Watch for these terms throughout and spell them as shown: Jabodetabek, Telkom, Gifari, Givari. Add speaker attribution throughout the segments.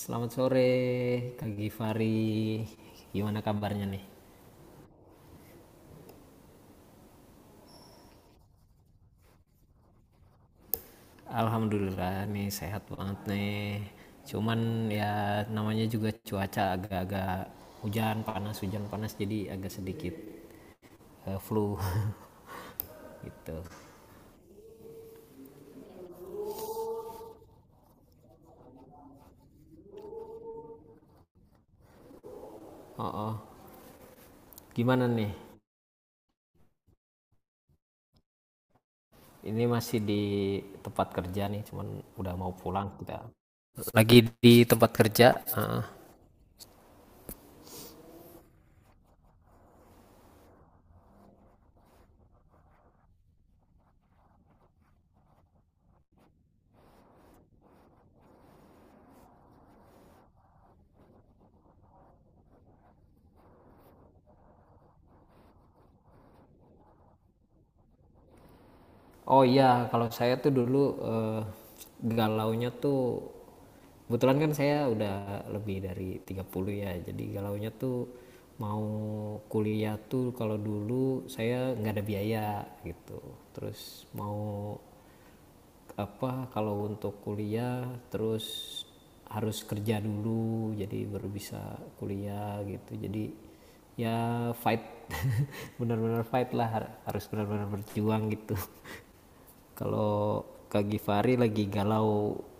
Speaker 1: Selamat sore Kak Givari. Gimana kabarnya nih? Alhamdulillah nih sehat banget nih. Cuman ya namanya juga cuaca agak-agak hujan panas jadi agak sedikit flu gitu. Oh, oh. Gimana nih? Ini masih di tempat kerja nih, cuman udah mau pulang kita. Lagi di tempat kerja. Oh iya, kalau saya tuh dulu galaunya tuh kebetulan kan saya udah lebih dari 30 ya. Jadi galaunya tuh mau kuliah tuh kalau dulu saya nggak ada biaya gitu. Terus mau apa kalau untuk kuliah terus harus kerja dulu jadi baru bisa kuliah gitu jadi ya fight benar-benar fight lah, harus benar-benar berjuang gitu. Kalau Kak Givari lagi galau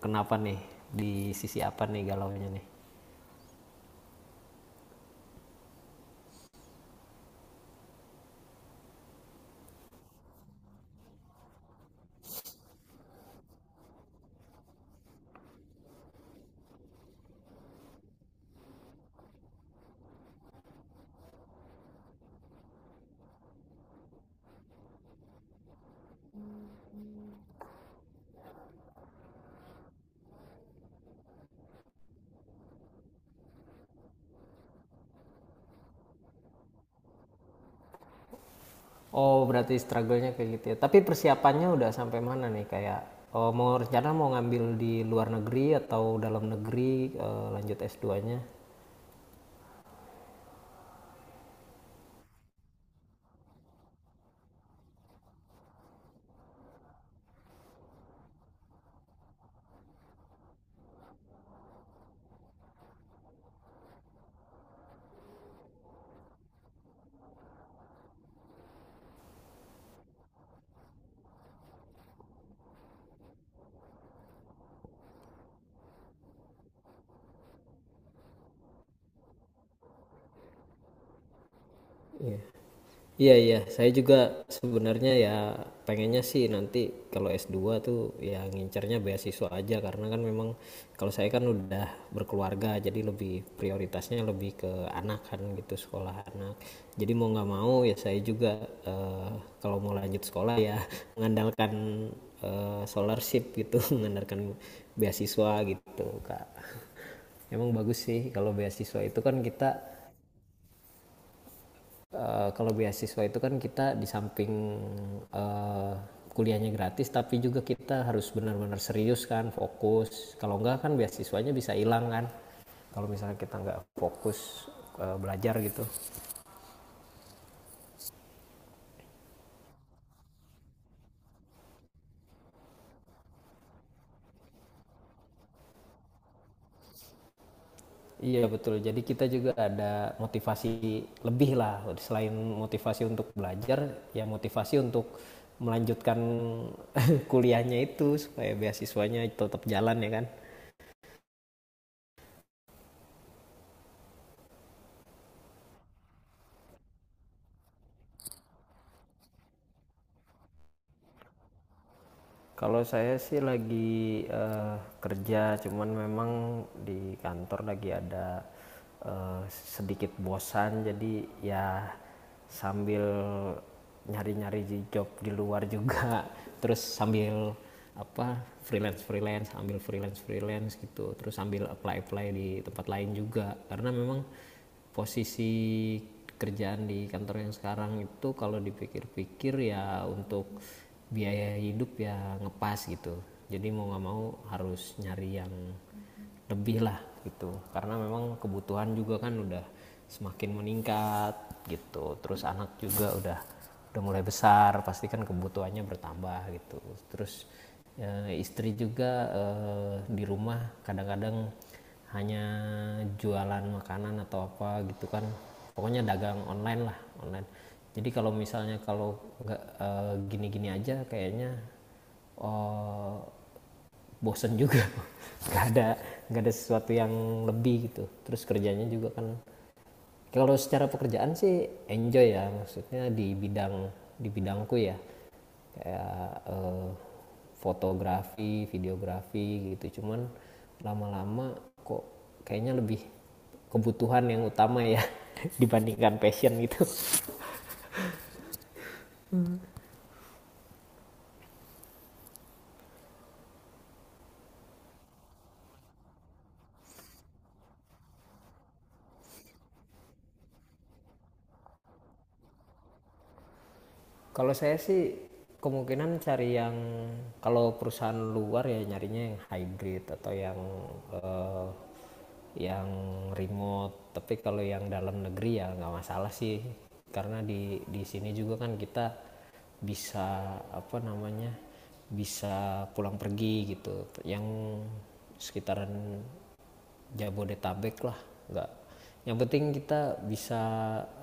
Speaker 1: kenapa nih, di sisi apa nih galaunya nih? Oh, berarti struggle-nya kayak gitu ya, tapi persiapannya udah sampai mana nih? Kayak oh, mau rencana mau ngambil di luar negeri atau dalam negeri, lanjut S2-nya. Iya. Iya iya, saya juga sebenarnya ya pengennya sih nanti kalau S2 tuh ya ngincernya beasiswa aja, karena kan memang kalau saya kan udah berkeluarga jadi lebih prioritasnya lebih ke anak kan, gitu, sekolah anak. Jadi mau nggak mau ya saya juga eh, kalau mau lanjut sekolah ya mengandalkan scholarship gitu, mengandalkan beasiswa gitu, Kak. Emang bagus sih kalau beasiswa itu kan kita. Kalau beasiswa itu kan kita di samping eh, kuliahnya gratis, tapi juga kita harus benar-benar serius kan, fokus. Kalau enggak kan beasiswanya bisa hilang kan. Kalau misalnya kita nggak fokus belajar gitu. Iya betul. Jadi kita juga ada motivasi lebih lah. Selain motivasi untuk belajar, ya motivasi untuk melanjutkan kuliahnya itu supaya beasiswanya tetap jalan ya kan. Kalau saya sih lagi kerja, cuman memang di kantor lagi ada sedikit bosan, jadi ya sambil nyari-nyari job di luar juga, terus sambil apa freelance freelance, ambil freelance freelance gitu, terus sambil apply apply di tempat lain juga, karena memang posisi kerjaan di kantor yang sekarang itu kalau dipikir-pikir ya untuk biaya hidup ya ngepas gitu, jadi mau nggak mau harus nyari yang lebih lah gitu, karena memang kebutuhan juga kan udah semakin meningkat gitu, terus anak juga udah mulai besar, pasti kan kebutuhannya bertambah gitu, terus istri juga di rumah kadang-kadang hanya jualan makanan atau apa gitu kan, pokoknya dagang online lah, online, jadi kalau misalnya kalau nggak gini-gini aja kayaknya eh, bosen juga, nggak ada, nggak ada sesuatu yang lebih gitu, terus kerjanya juga kan kalau secara pekerjaan sih enjoy ya, maksudnya di bidang di bidangku ya, kayak fotografi, videografi gitu. Cuman lama-lama kok kayaknya lebih kebutuhan yang utama ya, dibandingkan passion gitu. Kalau saya sih kemungkinan cari yang, kalau perusahaan luar ya nyarinya yang hybrid atau eh, yang remote. Tapi kalau yang dalam negeri ya nggak masalah sih, karena di sini juga kan kita bisa apa namanya bisa pulang pergi gitu. Yang sekitaran Jabodetabek lah, nggak, yang penting kita bisa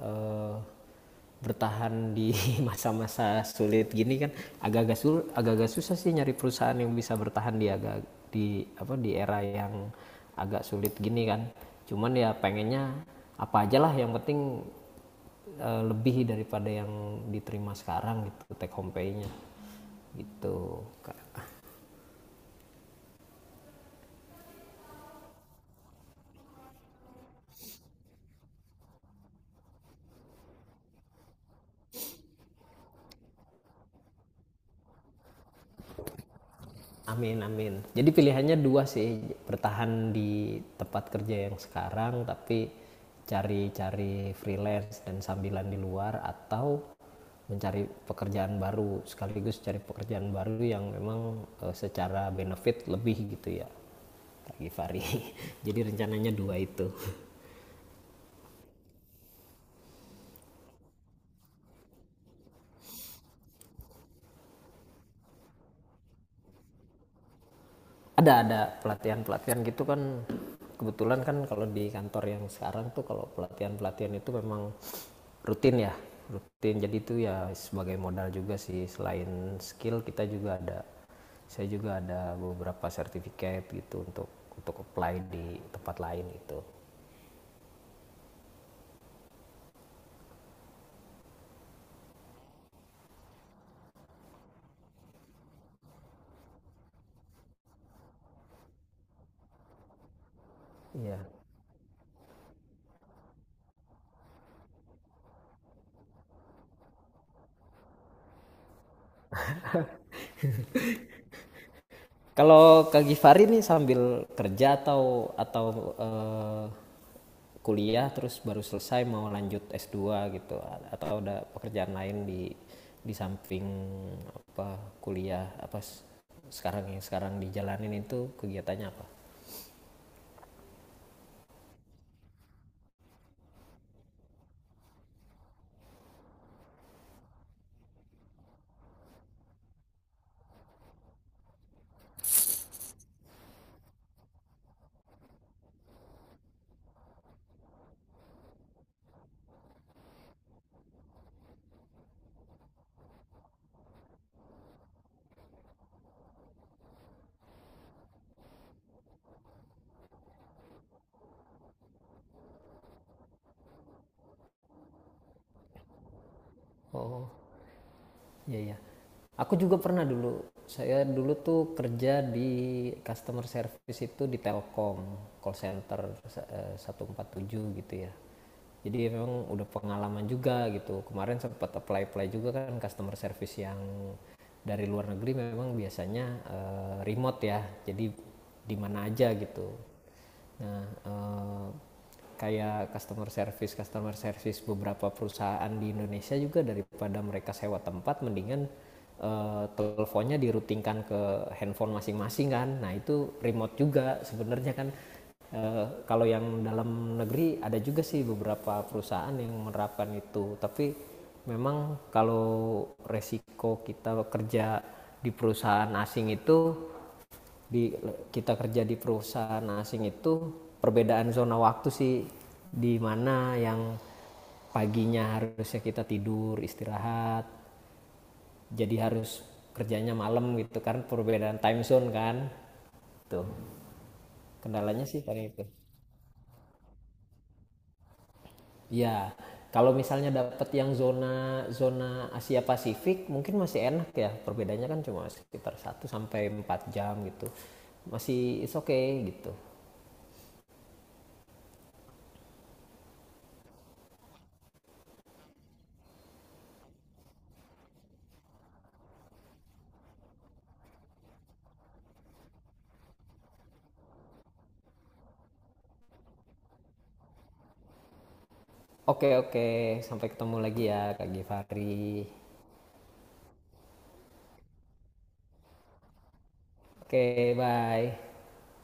Speaker 1: eh, bertahan di masa-masa sulit gini kan, agak-agak susah sih nyari perusahaan yang bisa bertahan di di apa di era yang agak sulit gini kan, cuman ya pengennya apa aja lah yang penting lebih daripada yang diterima sekarang gitu, take home pay-nya gitu. Amin amin. Jadi pilihannya dua sih, bertahan di tempat kerja yang sekarang tapi cari-cari freelance dan sambilan di luar, atau mencari pekerjaan baru, sekaligus cari pekerjaan baru yang memang secara benefit lebih gitu ya. Kak Gifari. Jadi rencananya dua itu. Ada pelatihan pelatihan gitu kan, kebetulan kan kalau di kantor yang sekarang tuh kalau pelatihan pelatihan itu memang rutin ya, rutin, jadi itu ya sebagai modal juga sih, selain skill kita juga ada, saya juga ada beberapa sertifikat gitu untuk apply di tempat lain gitu ya. Kalau Kak Gifari nih sambil kerja atau eh, kuliah, terus baru selesai mau lanjut S2 gitu, atau ada pekerjaan lain di samping apa, kuliah apa, sekarang yang sekarang dijalanin itu kegiatannya apa? Oh. Iya, iya. Aku juga pernah dulu. Saya dulu tuh kerja di customer service itu di Telkom, call center 147 gitu ya. Jadi memang udah pengalaman juga gitu. Kemarin sempat apply-apply juga kan, customer service yang dari luar negeri memang biasanya remote ya. Jadi di mana aja gitu. Nah, eh, kayak customer service beberapa perusahaan di Indonesia juga, daripada mereka sewa tempat, mendingan teleponnya dirutingkan ke handphone masing-masing kan. Nah itu remote juga sebenarnya kan. Kalau yang dalam negeri ada juga sih beberapa perusahaan yang menerapkan itu, tapi memang kalau resiko kita kerja di perusahaan asing itu, di kita kerja di perusahaan asing itu perbedaan zona waktu sih, di mana yang paginya harusnya kita tidur istirahat jadi harus kerjanya malam gitu kan, perbedaan time zone kan. Tuh kendalanya sih paling itu ya, kalau misalnya dapat yang zona zona Asia Pasifik mungkin masih enak ya, perbedaannya kan cuma sekitar 1 sampai 4 jam gitu, masih is okay gitu. Oke, oke. Sampai ketemu lagi ya, Kak Givari. Oke, bye.